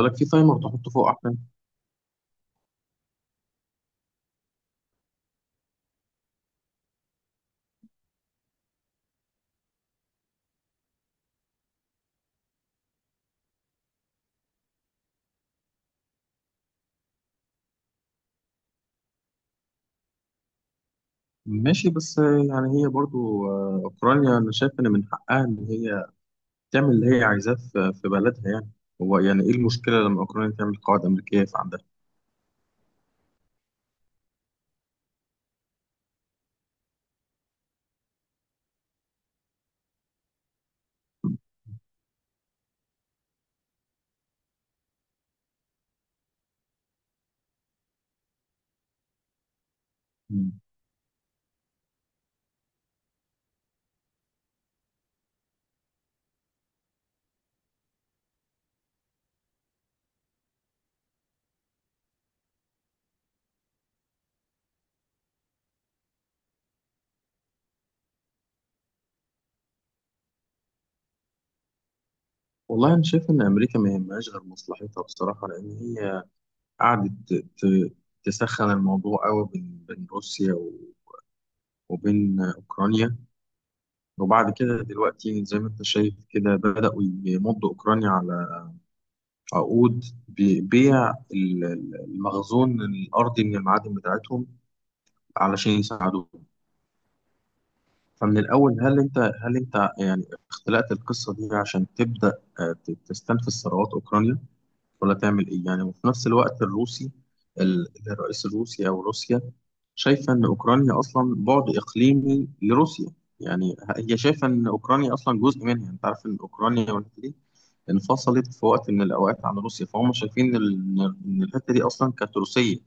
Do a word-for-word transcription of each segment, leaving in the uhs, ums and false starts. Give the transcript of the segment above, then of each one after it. لك في تايمر تحطه فوق احسن. ماشي، بس آه، يعني هي برضو آه، اوكرانيا، انا شايف ان من حقها ان هي تعمل اللي هي عايزاه في في بلدها، يعني. هو يعني ايه المشكله لما اوكرانيا تعمل قواعد امريكيه في عندها؟ مم. والله انا شايف ان امريكا ما يهمهاش غير مصلحتها بصراحه، لان هي قعدت ت- ت- تسخن الموضوع قوي بين بين روسيا و- وبين اوكرانيا. وبعد كده دلوقتي زي ما انت شايف كده، بداوا يمضوا اوكرانيا على عقود ببيع ال- ال- المخزون الأرضي من المعادن بتاعتهم علشان يساعدوهم. فمن الأول، هل أنت هل أنت يعني اختلقت القصة دي عشان تبدأ آه، ت- تستنفذ ثروات أوكرانيا ولا تعمل إيه؟ يعني، وفي نفس الوقت الروسي، ال- الرئيس الروسي أو روسيا شايفة إن أوكرانيا أصلا بعد إقليمي لروسيا. يعني هي شايفة إن أوكرانيا أصلا جزء منها. أنت عارف إن أوكرانيا والحتة دي انفصلت في وقت من الأوقات عن روسيا، فهم شايفين ال- إن الحتة دي أصلا كانت روسية،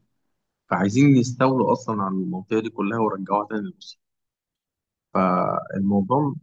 فعايزين يستولوا أصلا على المنطقة دي كلها ويرجعوها تاني لروسيا. فالموضوع،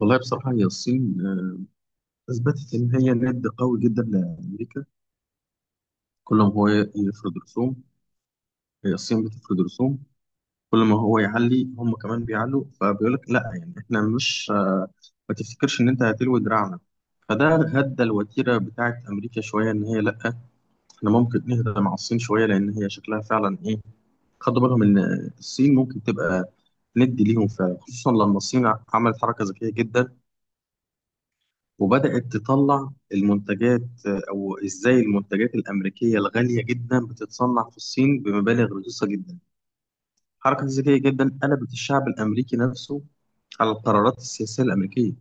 والله بصراحة هي الصين آه، أثبتت إن هي ند قوي جدا لأمريكا. كل ما هو يفرض رسوم، هي الصين بتفرض رسوم. كل ما هو يعلي، هم كمان بيعلوا، فبيقول لك لا، يعني احنا مش آه، ما تفتكرش ان انت هتلوي دراعنا. فده هدى الوتيره بتاعت امريكا شويه، ان هي لا، احنا ممكن نهدى مع الصين شويه، لان هي شكلها فعلا ايه. خدوا بالهم ان الصين ممكن تبقى ندي ليهم فعلا، خصوصا لما الصين ع- عملت حركه ذكيه جدا، وبدات تطلع المنتجات آه، او ازاي المنتجات الامريكيه الغاليه جدا بتتصنع في الصين بمبالغ رخيصه جدا. حركة ذكية جدا قلبت الشعب الأمريكي نفسه على القرارات السياسية الأمريكية،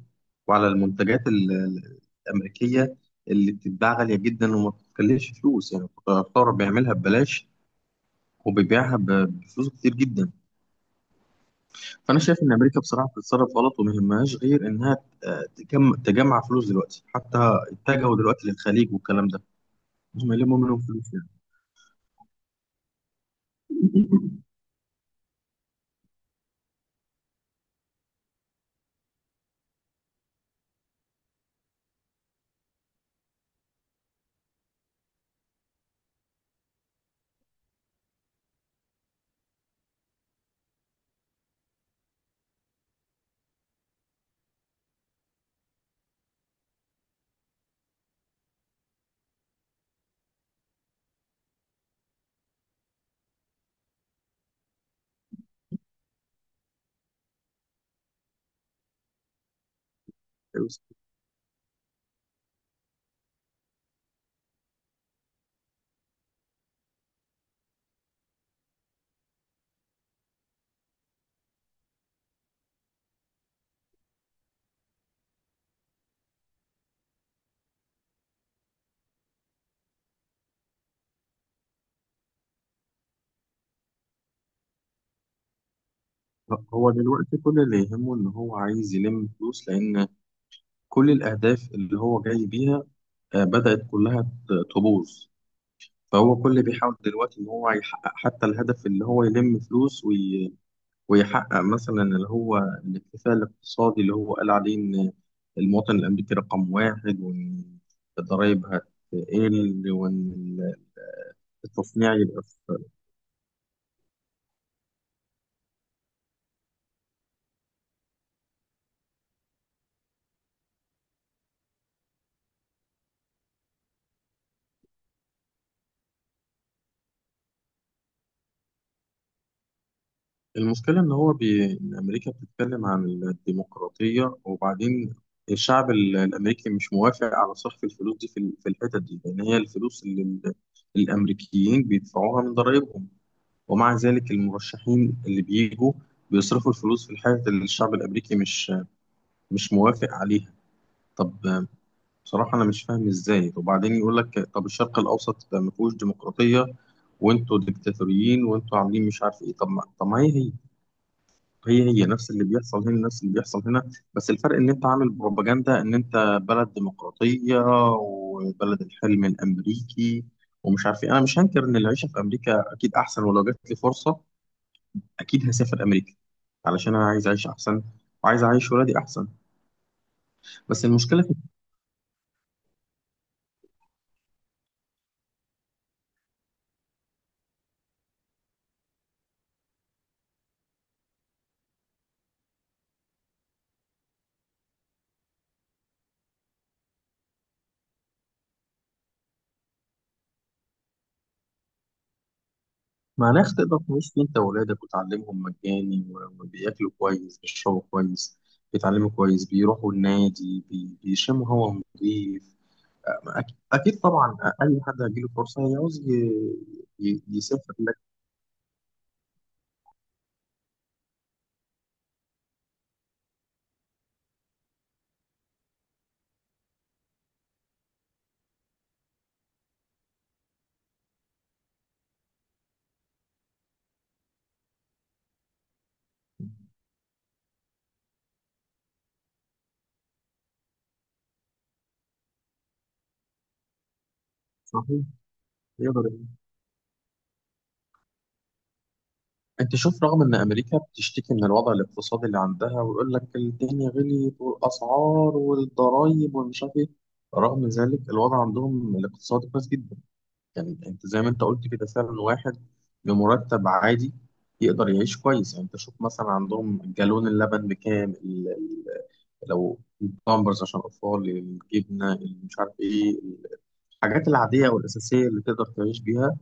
وعلى المنتجات ال- ال- الأمريكية اللي بتتباع غالية جدا وما بتكلفش فلوس، يعني الثورة بيعملها ببلاش، وبيبيعها ب- بفلوس كتير جدا. فأنا شايف إن أمريكا بصراحة بتتصرف غلط، وما يهمهاش غير إنها آه، تجمع تجمع فلوس دلوقتي. حتى اتجهوا دلوقتي للخليج والكلام ده، هم يلموا منهم فلوس، يعني. هو دلوقتي كل اللي يهمه إن هو عايز يلم فلوس، لأن كل الأهداف اللي هو جاي بيها آه، بدأت كلها ت- تبوظ. فهو كل اللي بيحاول دلوقتي إن هو يحقق حتى الهدف، اللي هو يلم فلوس وي... ويحقق مثلا اللي هو الاكتفاء الاقتصادي، اللي هو قال عليه إن المواطن الأمريكي رقم واحد، وإن الضرايب هتقل، وإن التصنيع يبقى. المشكلة إن هو بي... إن أمريكا بتتكلم عن الديمقراطية، وبعدين الشعب ال- الأمريكي مش موافق على صرف الفلوس دي في ال- في الحتت دي، لأن هي الفلوس اللي ال- الأمريكيين بيدفعوها من ضرائبهم. ومع ذلك المرشحين اللي بيجوا بيصرفوا الفلوس في الحتت اللي الشعب الأمريكي مش مش موافق عليها. طب آه، بصراحة أنا مش فاهم إزاي. وبعدين يقول لك طب الشرق الأوسط ده ما فيهوش ديمقراطية، وانتوا ديكتاتوريين، وانتوا عاملين مش عارف ايه. طب ما طب ما هي هي هي هي نفس اللي بيحصل هنا نفس اللي بيحصل هنا، بس الفرق ان انت عامل بروباجندا، ان انت بلد ديمقراطية، وبلد الحلم الامريكي ومش عارف ايه. انا مش هنكر ان العيشة في امريكا اكيد احسن، ولو جات لي فرصة اكيد هسافر امريكا، علشان انا عايز اعيش احسن وعايز اعيش ولادي احسن. بس المشكلة في مناخ تقدر تعيش فيه انت وولادك، وتعلمهم مجاني، و- وبياكلوا كويس، بيشربوا كويس، بيتعلموا كويس، بيروحوا النادي، بي- بيشموا هوا نضيف. أك- أكيد طبعا، أي حد هيجيله فرصة يعوز ي- ي- يسافر لك. صحيح، يقدر يعمل. أنت شوف، رغم إن أمريكا بتشتكي من الوضع الاقتصادي اللي عندها، ويقول لك الدنيا غليت والأسعار والضرايب ومش عارف إيه، رغم ذلك الوضع عندهم الاقتصادي كويس جدا. يعني أنت زي ما أنت قلت كده، فعلا واحد بمرتب عادي يقدر يعيش كويس. يعني أنت شوف مثلا عندهم جالون اللبن بكام، ال- ال- لو البامبرز عشان الأطفال، الجبنة، مش عارف إيه. الحاجات العادية والأساسية اللي تقدر تعيش بيها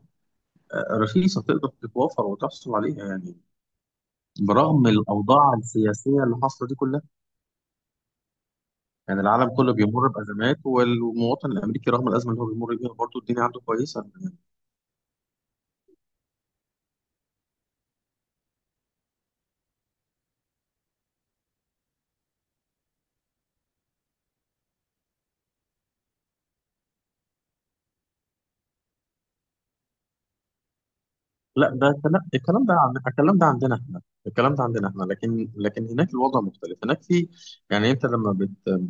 آه، رخيصة، تقدر تتوفر وتحصل عليها، يعني، برغم الأوضاع السياسية اللي حاصلة دي كلها. يعني العالم كله بيمر بأزمات، والمواطن الأمريكي رغم الأزمة اللي هو بيمر بيها برضه الدنيا عنده كويسة. لا، ده كلام، الكلام ده عن الكلام ده عندنا احنا، الكلام ده عندنا احنا لكن لكن هناك الوضع مختلف. هناك في، يعني، انت لما بت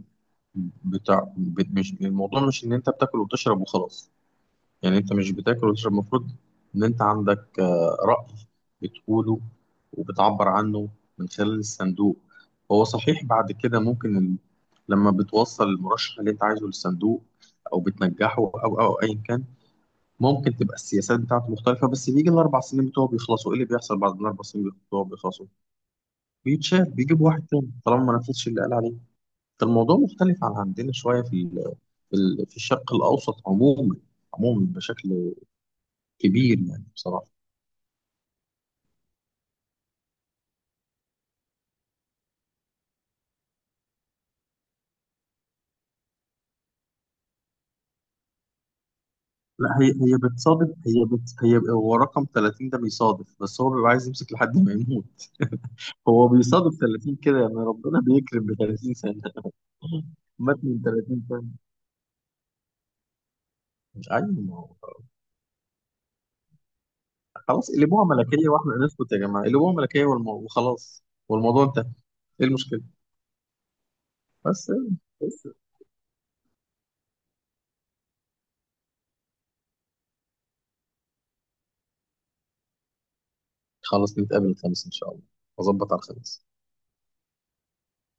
بتاع بت مش، الموضوع مش ان انت بتاكل وتشرب وخلاص. يعني انت مش بتاكل وتشرب، المفروض ان انت عندك آه، رأي بتقوله وبتعبر عنه من خلال الصندوق. هو صحيح، بعد كده ممكن ال- لما بتوصل المرشح اللي انت عايزه للصندوق، او بتنجحه او او او ايا كان، ممكن تبقى السياسات بتاعته مختلفة. بس بيجي الاربع سنين بتوعه بيخلصوا، ايه اللي بيحصل بعد الاربع سنين بتوعه بيخلصوا؟ بيتشال، بيجيب واحد تاني طالما ما نفذش اللي قال عليه. فالموضوع مختلف عن عندنا شوية في ال- في ال- في الشرق الاوسط عموما، عموما بشكل كبير، يعني بصراحة. لا، هي هي بتصادف، هي بت هي هو رقم ثلاثين ده بيصادف، بس هو بيبقى عايز يمسك لحد ما يموت. هو بيصادف ثلاثين كده، يعني ربنا بيكرم ب ثلاثين سنة. مات من ثلاثين سنة. ايوه ما هو، خلاص قلبوها ملكية واحنا نسكت يا جماعة، قلبوها ملكية والمو... وخلاص، والموضوع انتهى. ايه المشكلة؟ بس بس خلاص نتقابل الخميس ان شاء الله. اظبط على الخميس.